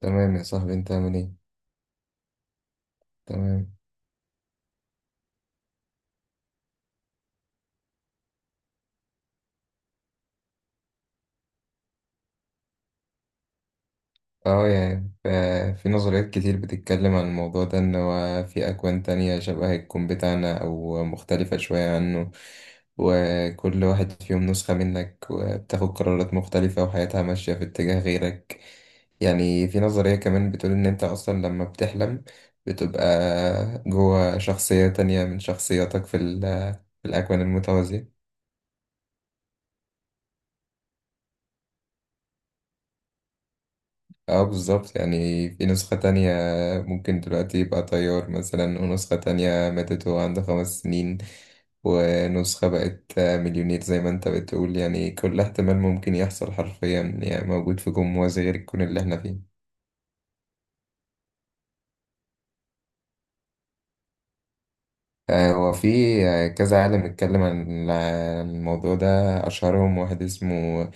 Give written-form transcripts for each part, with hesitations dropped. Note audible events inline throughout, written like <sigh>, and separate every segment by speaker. Speaker 1: تمام يا صاحبي انت عامل ايه. تمام. اه يعني ف- في نظريات كتير بتتكلم عن الموضوع ده ان هو في اكوان تانية شبه الكون بتاعنا او مختلفة شوية عنه، وكل واحد فيهم نسخة منك وبتاخد قرارات مختلفة وحياتها ماشية في اتجاه غيرك. يعني في نظرية كمان بتقول ان انت اصلا لما بتحلم بتبقى جوه شخصية تانية من شخصياتك في الاكوان المتوازية. اه بالظبط، يعني في نسخة تانية ممكن دلوقتي يبقى طيار مثلا، ونسخة تانية ماتت وهو عنده 5 سنين، ونسخة بقت مليونير زي ما انت بتقول. يعني كل احتمال ممكن يحصل حرفيا يعني موجود في جموز غير الكون اللي احنا فيه. هو في كذا عالم اتكلم عن الموضوع ده. أشهرهم واحد اسمه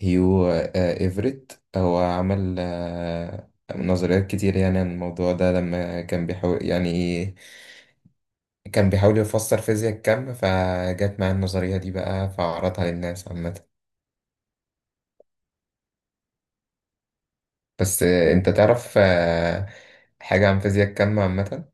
Speaker 1: هيو إيفريت، هو عمل نظريات كتير يعني عن الموضوع ده لما كان بيحاول يعني كان بيحاول يفسر فيزياء الكم، فجت معاه النظرية دي بقى فعرضها للناس عامة. بس انت تعرف حاجة عن فيزياء الكم عامة؟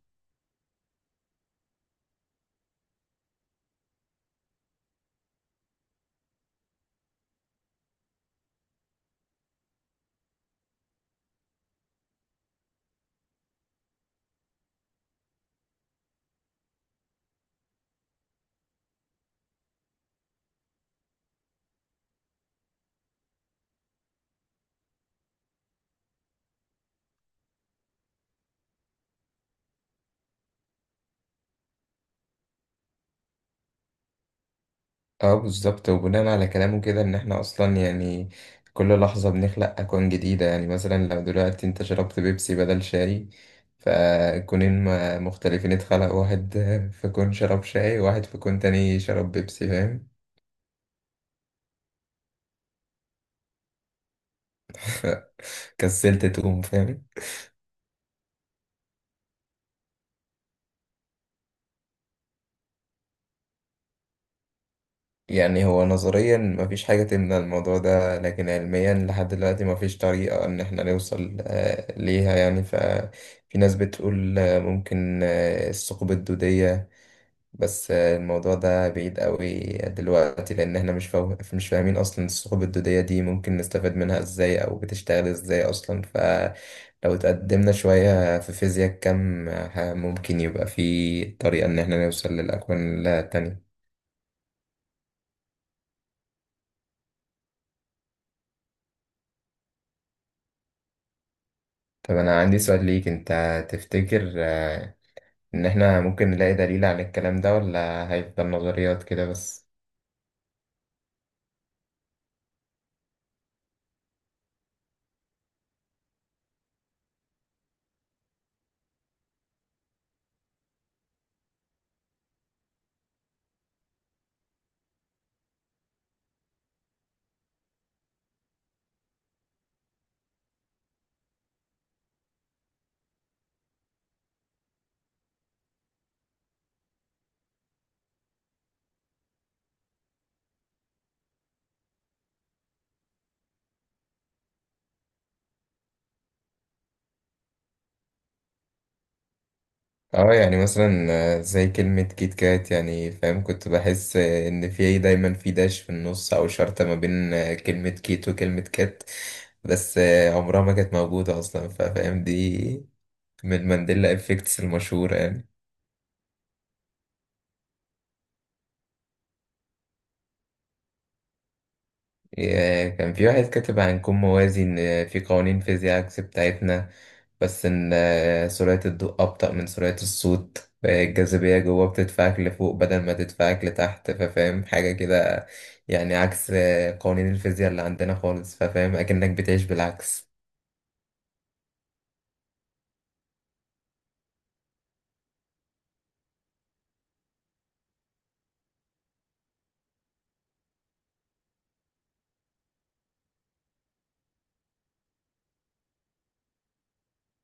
Speaker 1: اه بالظبط. وبناء على كلامه كده ان احنا اصلا يعني كل لحظة بنخلق اكوان جديدة. يعني مثلا لو دلوقتي انت شربت بيبسي بدل شاي، مختلفين اتخلق، واحد في كون شرب شاي وواحد في كون تاني شرب بيبسي، فاهم؟ <laughs> كسلت تقوم، فاهم. يعني هو نظريا مفيش حاجة تمنع الموضوع ده، لكن علميا لحد دلوقتي مفيش طريقة إن احنا نوصل ليها. يعني ففي ناس بتقول ممكن الثقوب الدودية، بس الموضوع ده بعيد قوي دلوقتي، لأن احنا مش فاهمين أصلا الثقوب الدودية دي ممكن نستفاد منها ازاي أو بتشتغل ازاي أصلا. فلو اتقدمنا شوية في فيزياء كم، ممكن يبقى في طريقة إن احنا نوصل للأكوان التانية. طب أنا عندي سؤال ليك أنت، تفتكر إن إحنا ممكن نلاقي دليل على الكلام ده ولا هيفضل نظريات كده بس؟ اه يعني مثلا زي كلمة كيت كات، يعني فاهم، كنت بحس إن في إيه، دايما في داش في النص أو شرطة ما بين كلمة كيت وكلمة كات، بس عمرها ما كانت موجودة أصلا، فاهم؟ دي من مانديلا إفكتس المشهورة يعني. كان في واحد كاتب عن كون موازي إن في قوانين فيزياء عكس بتاعتنا، بس إن سرعة الضوء أبطأ من سرعة الصوت، الجاذبية جوه بتدفعك لفوق بدل ما تدفعك لتحت، ففاهم حاجة كده، يعني عكس قوانين الفيزياء اللي عندنا خالص، ففاهم أكنك بتعيش بالعكس.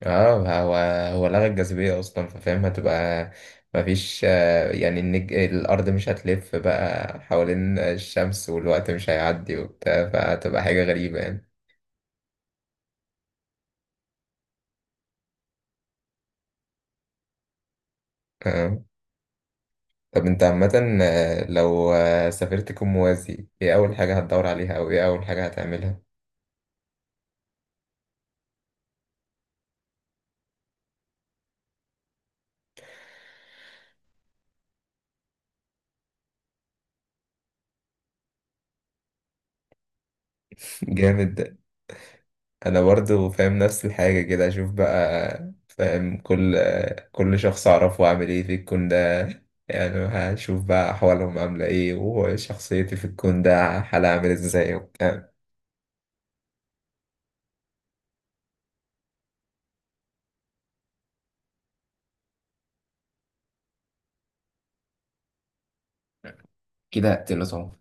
Speaker 1: اه، هو لغى الجاذبية أصلا، ففاهم هتبقى مفيش يعني النج... الأرض مش هتلف بقى حوالين الشمس والوقت مش هيعدي وبتاع، فهتبقى حاجة غريبة يعني. آه. طب انت عامة لو سافرت كون موازي، ايه أول حاجة هتدور عليها أو ايه أول حاجة هتعملها؟ <laughs> جامد. أنا برضو فاهم نفس الحاجة كده، أشوف بقى فاهم كل شخص أعرفه عامل ايه في الكون ده. يعني هشوف بقى أحوالهم عاملة ايه وشخصيتي في الكون ده حالها عامل ازاي وبتاع. كده هقتله طبعا.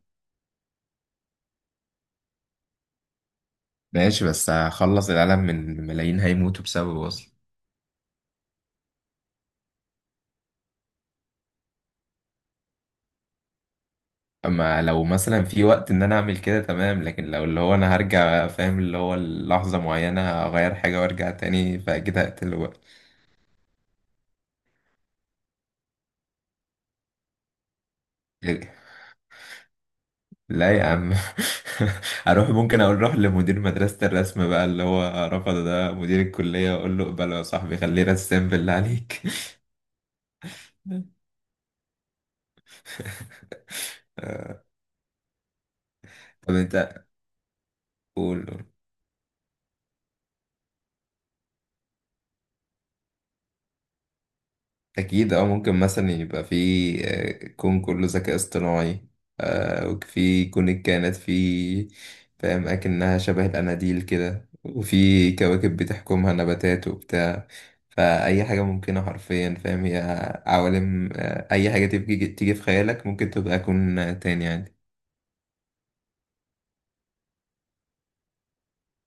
Speaker 1: ماشي، بس هخلص العالم من ملايين هيموتوا بسببه أصلا. اما لو مثلا في وقت ان انا اعمل كده تمام، لكن لو اللي هو انا هرجع فاهم اللي هو لحظة معينة اغير حاجة وارجع تاني، فاكيد هقتله بقى. لا يا عم. <laughs> اروح ممكن اقول روح لمدير مدرسة الرسم بقى اللي هو رفض، ده مدير الكلية، واقول له اقبله يا صاحبي، خليه رسام بالله عليك. <laughs> طب انت قول. أكيد، أو ممكن مثلا يبقى في كون كله ذكاء اصطناعي، وفي كون الكائنات في فاهم أكنها شبه الأناديل كده، وفي كواكب بتحكمها نباتات وبتاع. فأي حاجة ممكنة حرفيا، فاهم؟ هي عوالم أي حاجة تيجي في خيالك ممكن تبقى كون تاني عادي.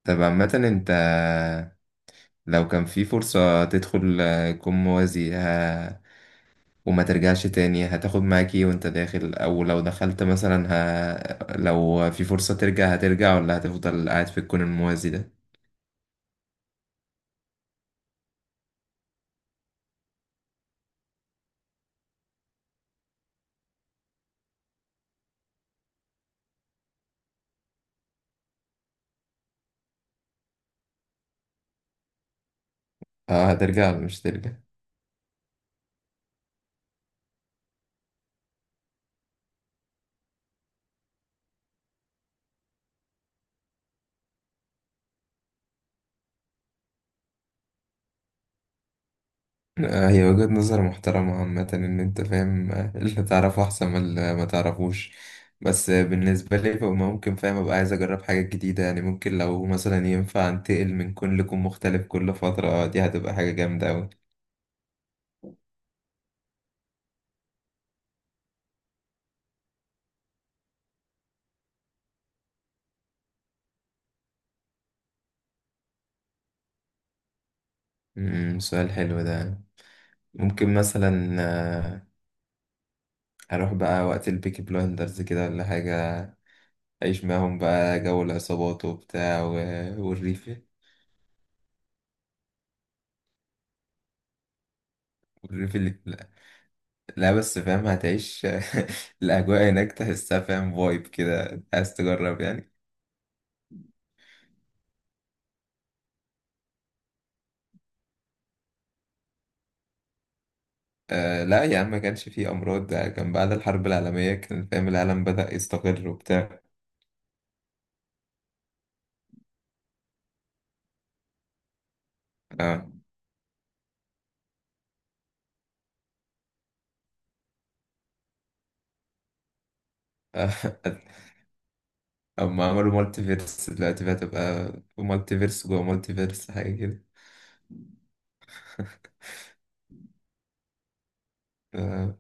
Speaker 1: طب عامة أنت لو كان في فرصة تدخل كون موازي وما ترجعش تاني، هتاخد معاك ايه وانت داخل؟ او لو دخلت مثلا لو في فرصة ترجع، هترجع ولا هتفضل قاعد في الكون الموازي ده؟ اه، هترجع ولا مش ترجع؟ آه، هي وجهة نظر محترمة عامة، ان انت فاهم اللي تعرفه احسن من اللي ما تعرفوش. بس بالنسبة لي فما ممكن فاهم ابقى عايز اجرب حاجات جديدة، يعني ممكن لو مثلا ينفع انتقل من كون لكون مختلف كل فترة، دي هتبقى حاجة جامدة اوي. امم، سؤال حلو ده. ممكن مثلا هروح بقى وقت البيكي بلايندرز كده ولا حاجة، أعيش معاهم بقى جو العصابات وبتاع و... والريف. والريف اللي لا لا، بس فاهم هتعيش <laughs> الأجواء هناك تحسها، فاهم؟ فايب كده عايز تجرب يعني. آه لا يا عم، ما كانش فيه أمراض، ده كان بعد الحرب العالمية، كان فاهم العالم بدأ يستقر وبتاع. آه. <laughs> أما عملوا مالتي فيرس دلوقتي بقى، تبقى مالتي فيرس جوه مالتي فيرس حاجة كده. آه،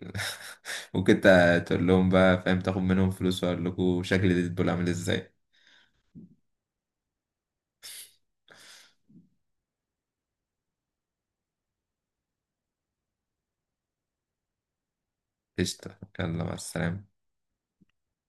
Speaker 1: <laughs> ممكن تقول لهم بقى فاهم، تاخد منهم فلوس واقول لكم شكل ديدبول عامل ازاي. قشطة، يلا مع السلامة.